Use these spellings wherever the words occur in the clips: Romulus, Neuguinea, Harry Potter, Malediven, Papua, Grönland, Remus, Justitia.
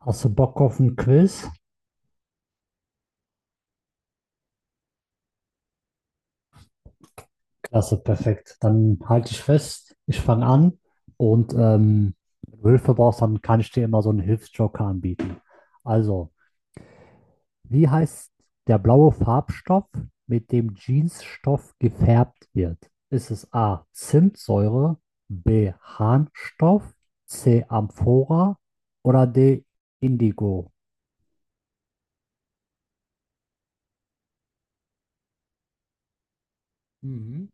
Hast du Bock auf ein Quiz? Klasse, perfekt. Dann halte ich fest, ich fange an und wenn du Hilfe brauchst, dann kann ich dir immer so einen Hilfsjoker anbieten. Also, wie heißt der blaue Farbstoff, mit dem Jeansstoff gefärbt wird? Ist es A. Zimtsäure, B. Harnstoff, C. Amphora oder D. Indigo? Mhm.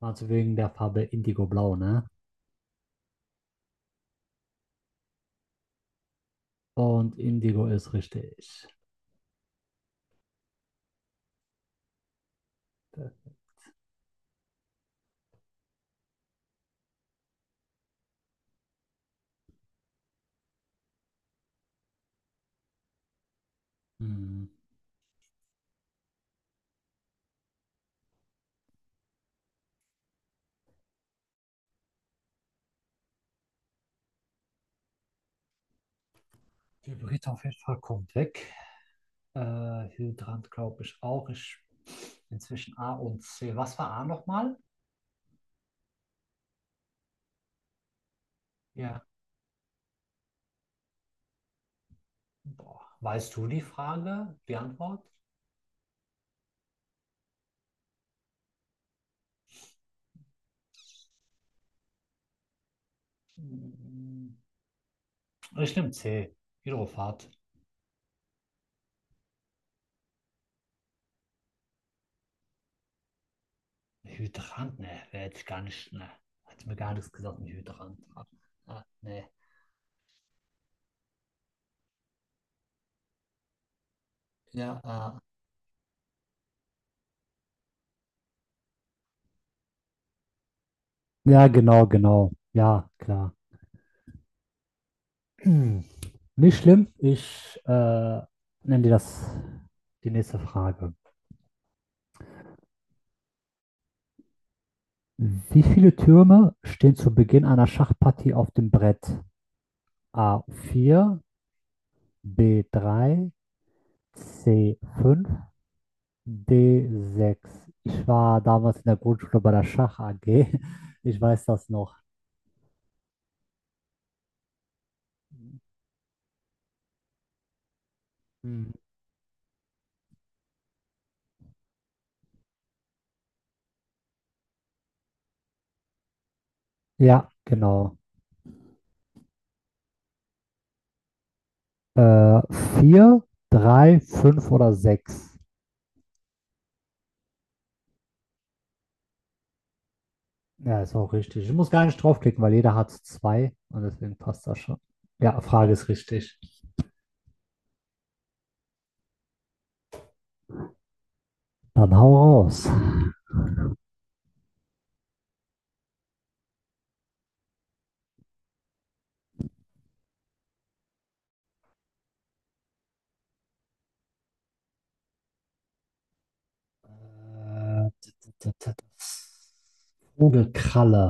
Also wegen der Farbe Indigo-Blau, ne? Und Indigo ist richtig. Mhm. Hybrid auf jeden Fall kommt weg. Hydrant glaube ich auch. Ich inzwischen A und C. Was war A nochmal? Ja. Boah. Weißt du die Frage, die Antwort? Mm, Ich nehme C. Hydrofahrt. Hydrant, ne, wäre jetzt gar nicht, ne. Hat mir gar nichts gesagt mit Hydrant. Ah, ne. Ja, Ja, genau, genau. Ja, klar. Hm. Nicht schlimm. Ich nenne dir das die nächste Frage. Wie viele Türme stehen zu Beginn einer Schachpartie auf dem Brett? A vier, B drei, C fünf, D sechs. Ich war damals in der Grundschule bei der Schach AG. Ich weiß das noch. Hm. Ja, genau. Äh, 4, 3, 5 oder sechs. Ja, ist auch richtig. Ich muss gar nicht draufklicken, weil jeder hat zwei und deswegen passt das schon. Ja, Frage ist richtig. Dann hau raus. Äh, t- t- t- t- Vogelkralle.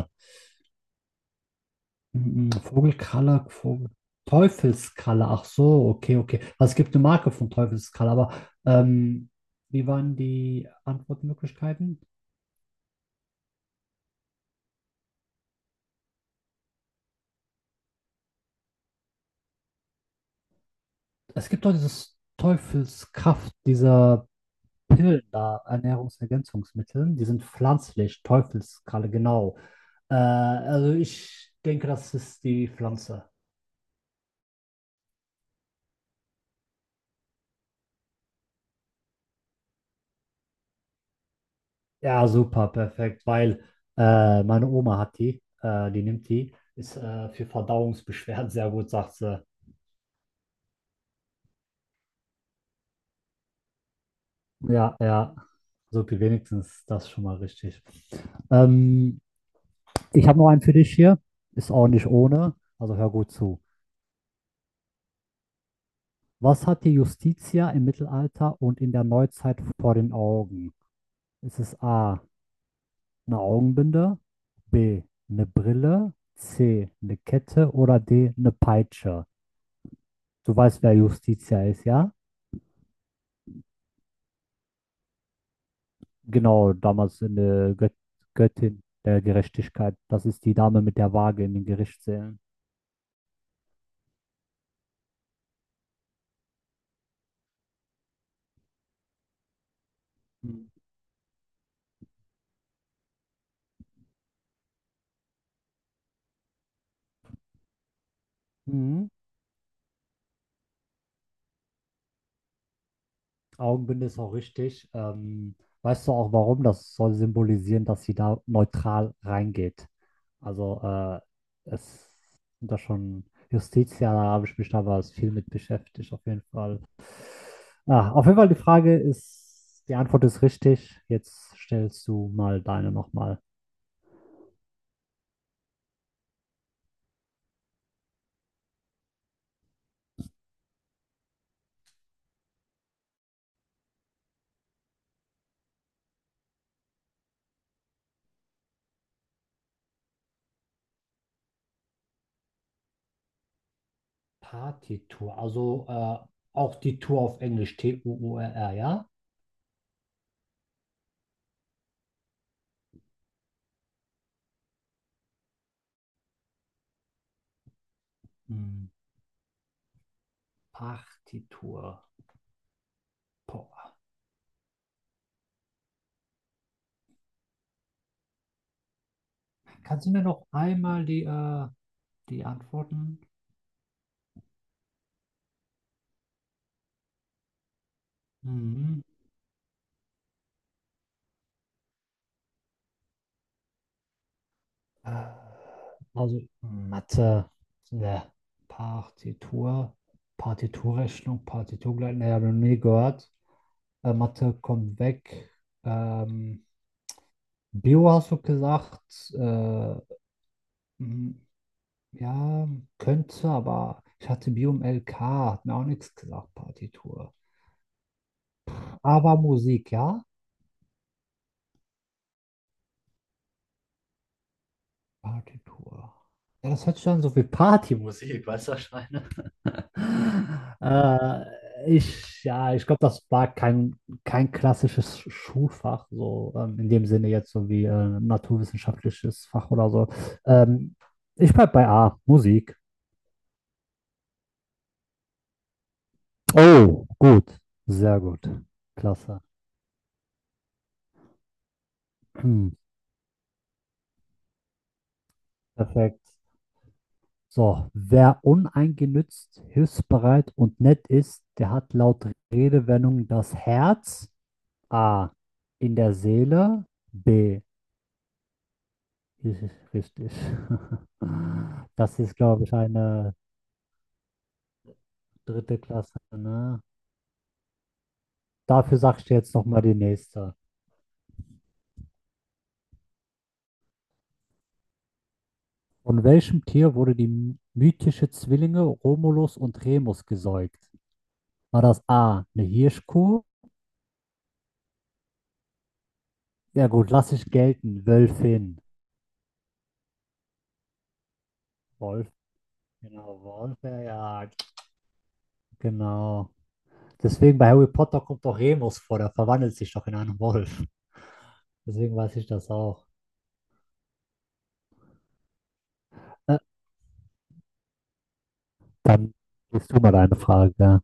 Vogelkralle, Vogel. Teufelskralle. Ach so, okay, okay. Also es gibt eine Marke von Teufelskralle, aber ähm, wie waren die Antwortmöglichkeiten? Es gibt doch dieses Teufelskraft, dieser Pillen da, Ernährungsergänzungsmittel, die sind pflanzlich, Teufelskralle, genau. Also ich denke, das ist die Pflanze. Ja, super, perfekt, weil meine Oma hat die, die nimmt die, ist für Verdauungsbeschwerden sehr gut, sagt sie. Ja, ja, so viel wenigstens, das ist schon mal richtig. Ähm, Ich habe noch einen für dich hier, ist auch nicht ohne, also hör gut zu. Was hat die Justitia im Mittelalter und in der Neuzeit vor den Augen? Ist es A, eine Augenbinde, B, eine Brille, C, eine Kette oder D, eine Peitsche? Du weißt, wer Justitia ist, ja? Genau, damals eine Göttin der Gerechtigkeit. Das ist die Dame mit der Waage in den Gerichtssälen. Hm. Mhm. Augenbinde ist auch richtig. Weißt du auch warum? Das soll symbolisieren, dass sie da neutral reingeht. Also es sind da schon Justitia, da habe ich mich damals viel mit beschäftigt, auf jeden Fall. Ah, auf jeden Fall die Frage ist, die Antwort ist richtig. Jetzt stellst du mal deine nochmal. Partitur, also auch die Tour auf Englisch, T-U-U-R-R, ja? Hm. Party. Boah. Kannst du mir noch einmal die Antworten? Mhm. Äh, Also Mathe, ne, Partitur, Partiturrechnung, Partiturgleichen, ne, habe ich noch nie gehört. Mathe kommt weg. Ähm, Bio hast du gesagt. M- Ja, könnte, aber ich hatte Biom LK, hat mir auch nichts gesagt, Partitur. Aber Musik, ja? Partitur. Ja, das hört sich an so wie Partymusik, weißt du, was ich meine? Äh, ja, ich glaube, das war kein, kein klassisches Schulfach, in dem Sinne jetzt so wie naturwissenschaftliches Fach oder so. Ähm, Ich bleib bei A, Musik. Oh, gut, sehr gut, klasse. Hm, perfekt. So, wer uneingenützt, hilfsbereit und nett ist, der hat laut Redewendung das Herz A in der Seele, B. Das ist richtig. Das ist, glaube ich, eine dritte Klasse, ne? Dafür sagst du jetzt nochmal die nächste. Von welchem Tier wurde die mythische Zwillinge Romulus und Remus gesäugt? War das A, eine Hirschkuh? Ja gut, lass ich gelten, Wölfin. Wolf, genau, Wolf, ja, ja, genau. Deswegen bei Harry Potter kommt doch Remus vor, der verwandelt sich doch in einen Wolf. Deswegen weiß ich das auch. Äh, Dann gehst du mal deine Frage. Ja.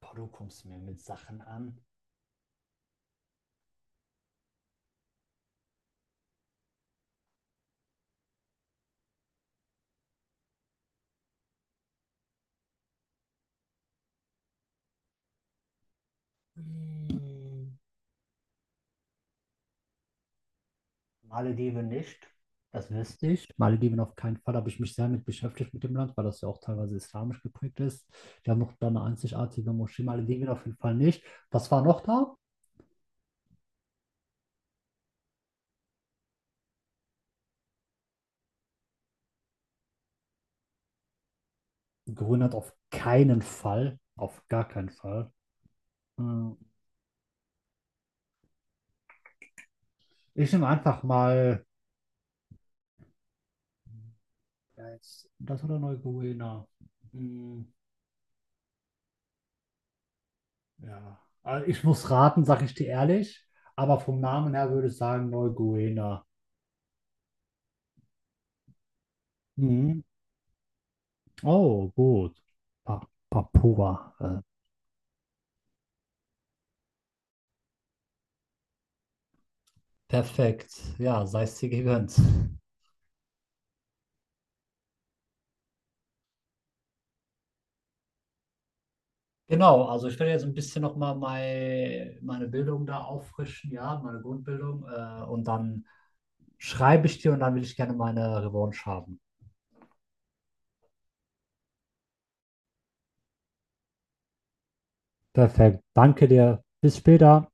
Boah, du kommst mir mit Sachen an. Hm, Malediven nicht, das wüsste ich. Malediven auf keinen Fall. Da habe ich mich sehr mit beschäftigt mit dem Land, weil das ja auch teilweise islamisch geprägt ist. Die haben noch da eine einzigartige Moschee. Malediven auf jeden Fall nicht. Was war noch da? Grönland auf keinen Fall. Auf gar keinen Fall. Hm, ich nehme einfach mal. Ja, jetzt das oder Neuguinea? Hm, ja. Also ich muss raten, sage ich dir ehrlich, aber vom Namen her würde ich sagen Neuguinea. Mhm. Oh, gut. Pa Papua. Perfekt. Ja, sei es dir gegönnt. Genau, also ich werde jetzt ein bisschen nochmal meine Bildung da auffrischen, ja, meine Grundbildung. Und dann schreibe ich dir und dann will ich gerne meine Revanche haben. Perfekt. Danke dir. Bis später.